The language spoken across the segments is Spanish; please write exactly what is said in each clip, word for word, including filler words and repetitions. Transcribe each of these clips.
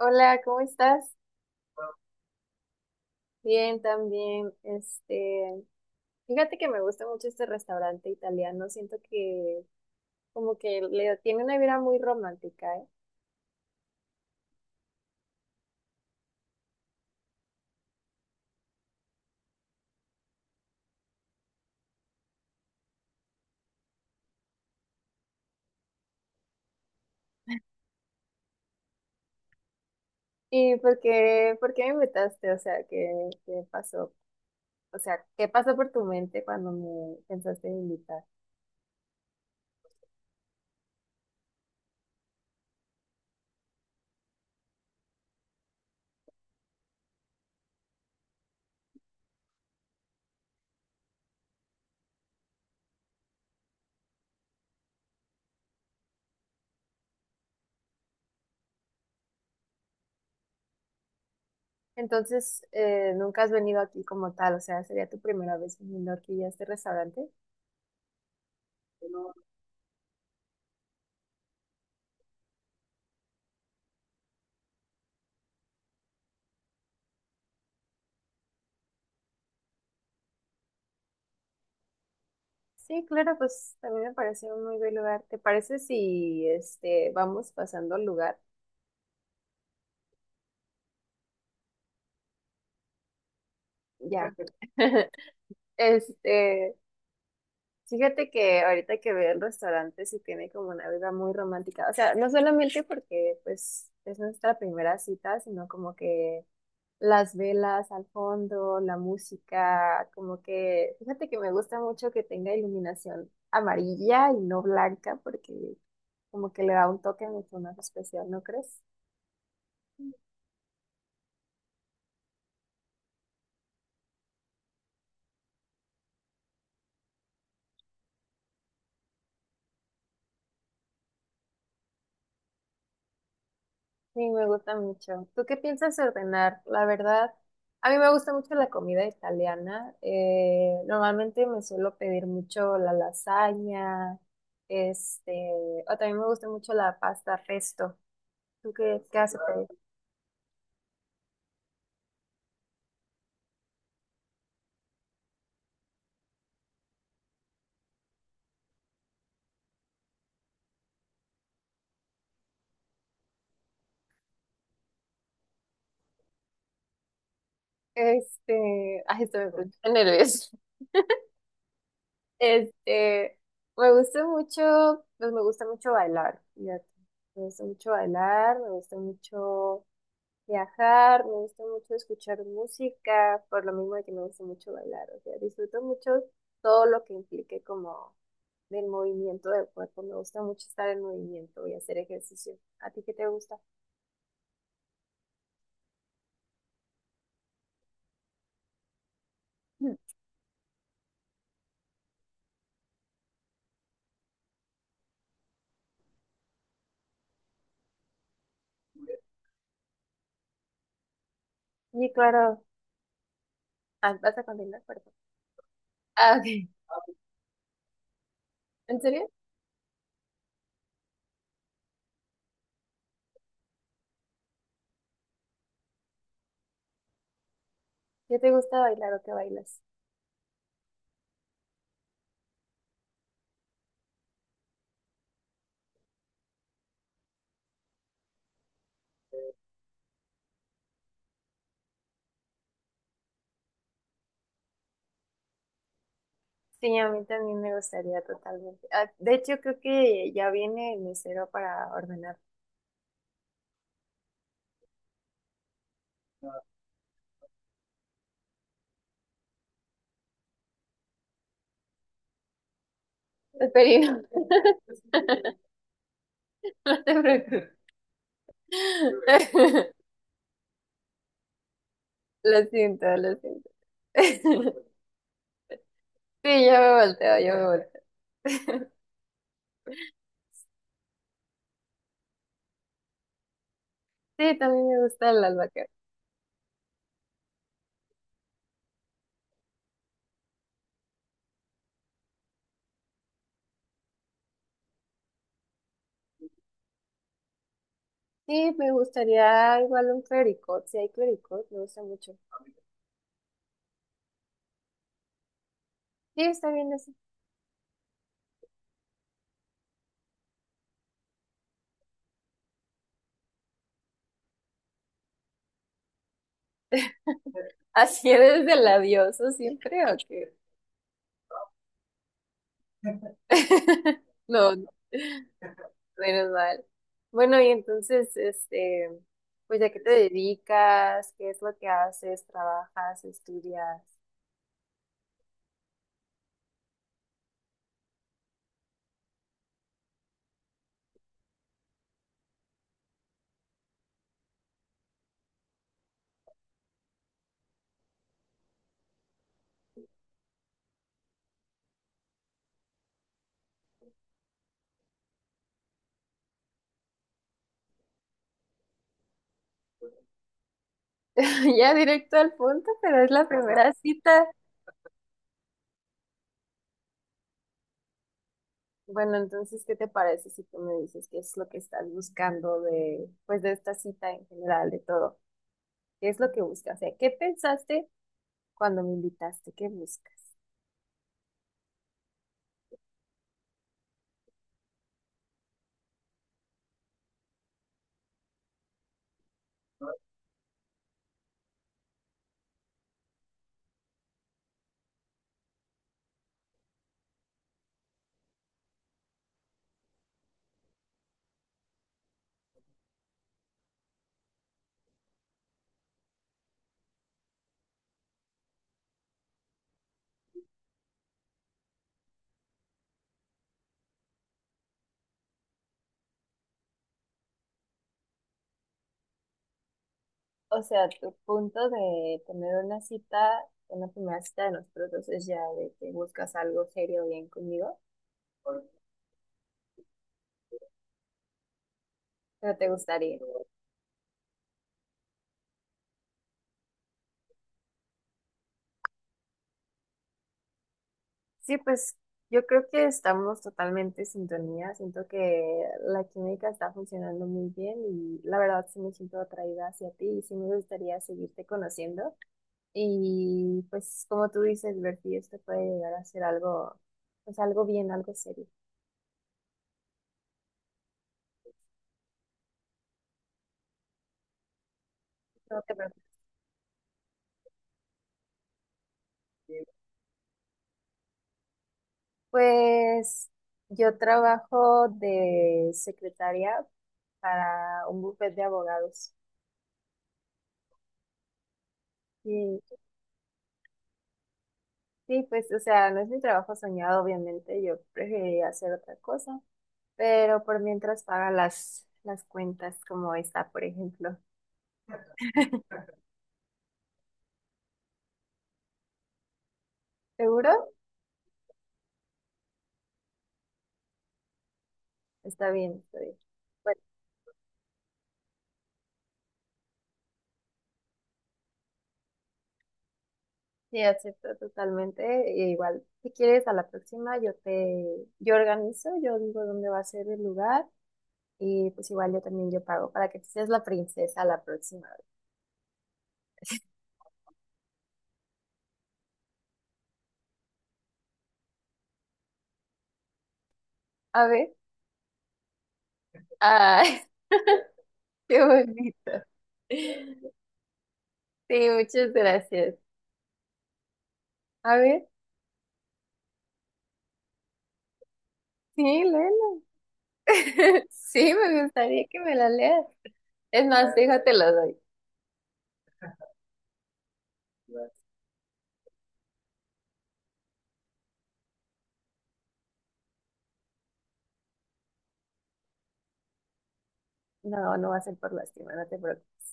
Hola, ¿cómo estás? Bien, también. Este, fíjate que me gusta mucho este restaurante italiano. Siento que como que le tiene una vibra muy romántica, ¿eh? ¿Y por qué, por qué me invitaste? O sea, ¿qué, qué pasó? O sea, ¿qué pasó por tu mente cuando me pensaste en invitar? Entonces, eh, ¿nunca has venido aquí como tal? O sea, ¿sería tu primera vez viniendo aquí a este restaurante? Sí, claro, pues también me parece un muy buen lugar. ¿Te parece si este vamos pasando al lugar? Ya. Perfecto. Este, fíjate que ahorita que veo el restaurante sí tiene como una vida muy romántica. O sea, no solamente porque pues es nuestra primera cita, sino como que las velas al fondo, la música, como que fíjate que me gusta mucho que tenga iluminación amarilla y no blanca porque como que le da un toque mucho más especial, ¿no crees? Sí, me gusta mucho. ¿Tú qué piensas ordenar? La verdad, a mí me gusta mucho la comida italiana. Eh, normalmente me suelo pedir mucho la lasaña, este, o también me gusta mucho la pasta resto. ¿Tú qué, qué haces? Claro. Este, ay, estoy me puse nerviosa. Este, me gusta mucho, pues me gusta mucho bailar. Fíjate. Me gusta mucho bailar, me gusta mucho viajar, me gusta mucho escuchar música, por lo mismo de que me gusta mucho bailar, o sea, disfruto mucho todo lo que implique como del movimiento del cuerpo, me gusta mucho estar en movimiento y hacer ejercicio. ¿A ti qué te gusta? Mm, sí, claro. Ah, vas a continuar, perdón. Ah, ok. ¿En serio? ¿Qué te gusta bailar o qué bailas? Sí, a mí también me gustaría totalmente. Ah, de hecho, creo que ya viene el mesero para ordenar el pedido. No te preocupes. Lo siento, lo siento. Sí, yo me volteo, yo me volteo. Sí, también me gusta el albahaca. Sí, me gustaría igual un clericot. Si hay clericot, me gusta mucho. Sí, está bien así. ¿Así eres del labioso siempre o qué? No, no. Menos mal. Bueno, y entonces, este, pues, ¿a qué te dedicas? ¿Qué es lo que haces? ¿Trabajas? ¿Estudias? Ya directo al punto, pero es la primera cita. Bueno, entonces, ¿qué te parece si tú me dices qué es lo que estás buscando de, pues, de esta cita en general, de todo? ¿Qué es lo que buscas? O sea, ¿qué pensaste cuando me invitaste? ¿Qué buscas? O sea, tu punto de tener una cita, una primera cita de nosotros dos es ya de que buscas algo serio bien conmigo, pero te gustaría. Sí, pues yo creo que estamos totalmente en sintonía. Siento que la química está funcionando muy bien y la verdad sí me siento atraída hacia ti y sí me gustaría seguirte conociendo. Y pues como tú dices, ver si esto puede llegar a ser algo, pues algo bien, algo serio. No te preocupes. Pues yo trabajo de secretaria para un bufete de abogados. Sí, sí, pues, o sea, no es mi trabajo soñado, obviamente, yo preferiría hacer otra cosa, pero por mientras paga las, las cuentas como está, por ejemplo. ¿Seguro? Está bien, está bien. Bueno, sí, acepto totalmente. E igual, si quieres, a la próxima yo te, yo organizo, yo digo dónde va a ser el lugar y pues igual yo también yo pago para que tú seas la princesa la próxima vez. A ver, ay, qué bonito. Sí, muchas gracias. A ver, sí, léelo. Sí, me gustaría que me la leas. Es más, déjate lo doy. No, no va a ser por lástima, no te preocupes.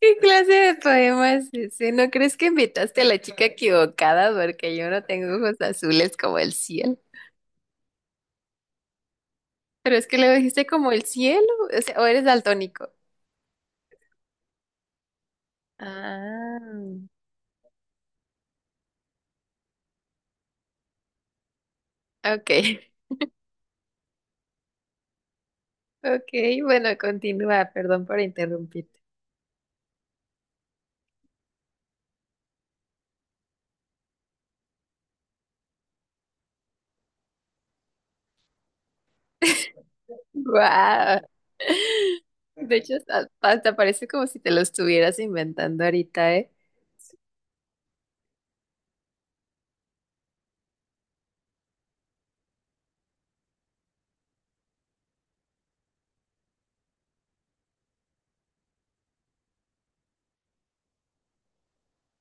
¿Qué clase de poema es ese? ¿No crees que invitaste a la chica equivocada? Porque yo no tengo ojos azules como el cielo. Pero es que le dijiste como el cielo, o sea, o eres daltónico. Ah, ok. Ok, bueno, continúa, perdón por interrumpirte. Guau. De hecho, hasta hasta parece como si te lo estuvieras inventando ahorita, ¿eh?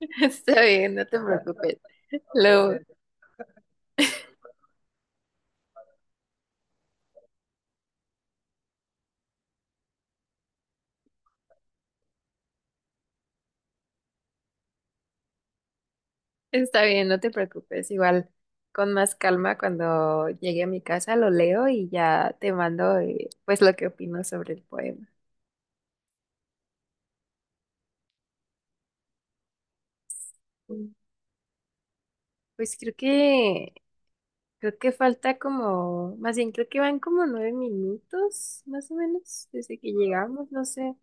Está bien, no te preocupes. Lo, está bien, no te preocupes. Igual con más calma cuando llegue a mi casa lo leo y ya te mando eh, pues lo que opino sobre el poema. Mm. Pues creo que creo que falta como, más bien creo que van como nueve minutos más o menos desde que llegamos, no sé.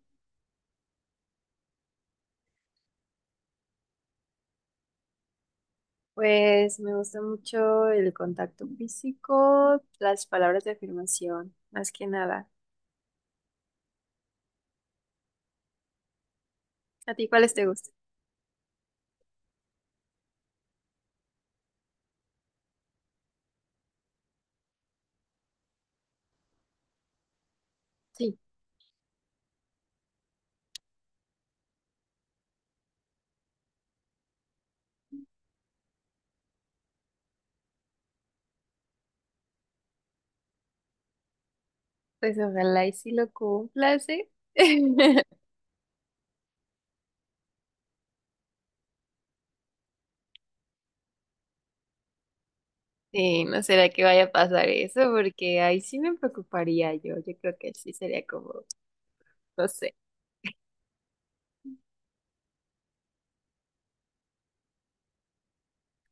Pues me gusta mucho el contacto físico, las palabras de afirmación, más que nada. ¿A ti cuáles te gustan? Sí, pues ojalá y si lo cumplas, ¿eh? Sí, no será que vaya a pasar eso, porque ahí sí me preocuparía yo. Yo creo que sí sería como, no sé.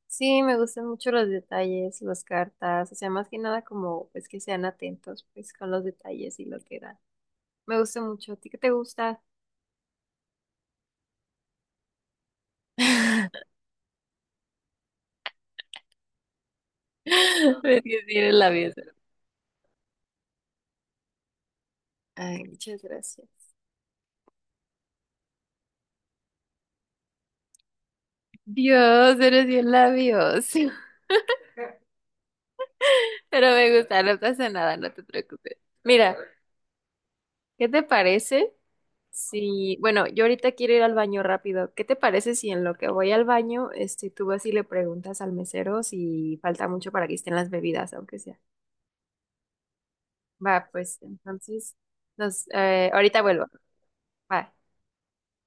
Sí, me gustan mucho los detalles, las cartas, o sea, más que nada como, pues que sean atentos, pues con los detalles y lo que dan. Me gusta mucho. ¿A ti qué te gusta? Es que tienes labios. Ay, muchas gracias. Dios, eres bien labios. Pero me gusta, no pasa nada, no te preocupes. Mira. ¿Qué te parece si, bueno, yo ahorita quiero ir al baño rápido? ¿Qué te parece si en lo que voy al baño, este, tú vas y le preguntas al mesero si falta mucho para que estén las bebidas, aunque sea? Va, pues entonces, nos, eh, ahorita vuelvo. Bye.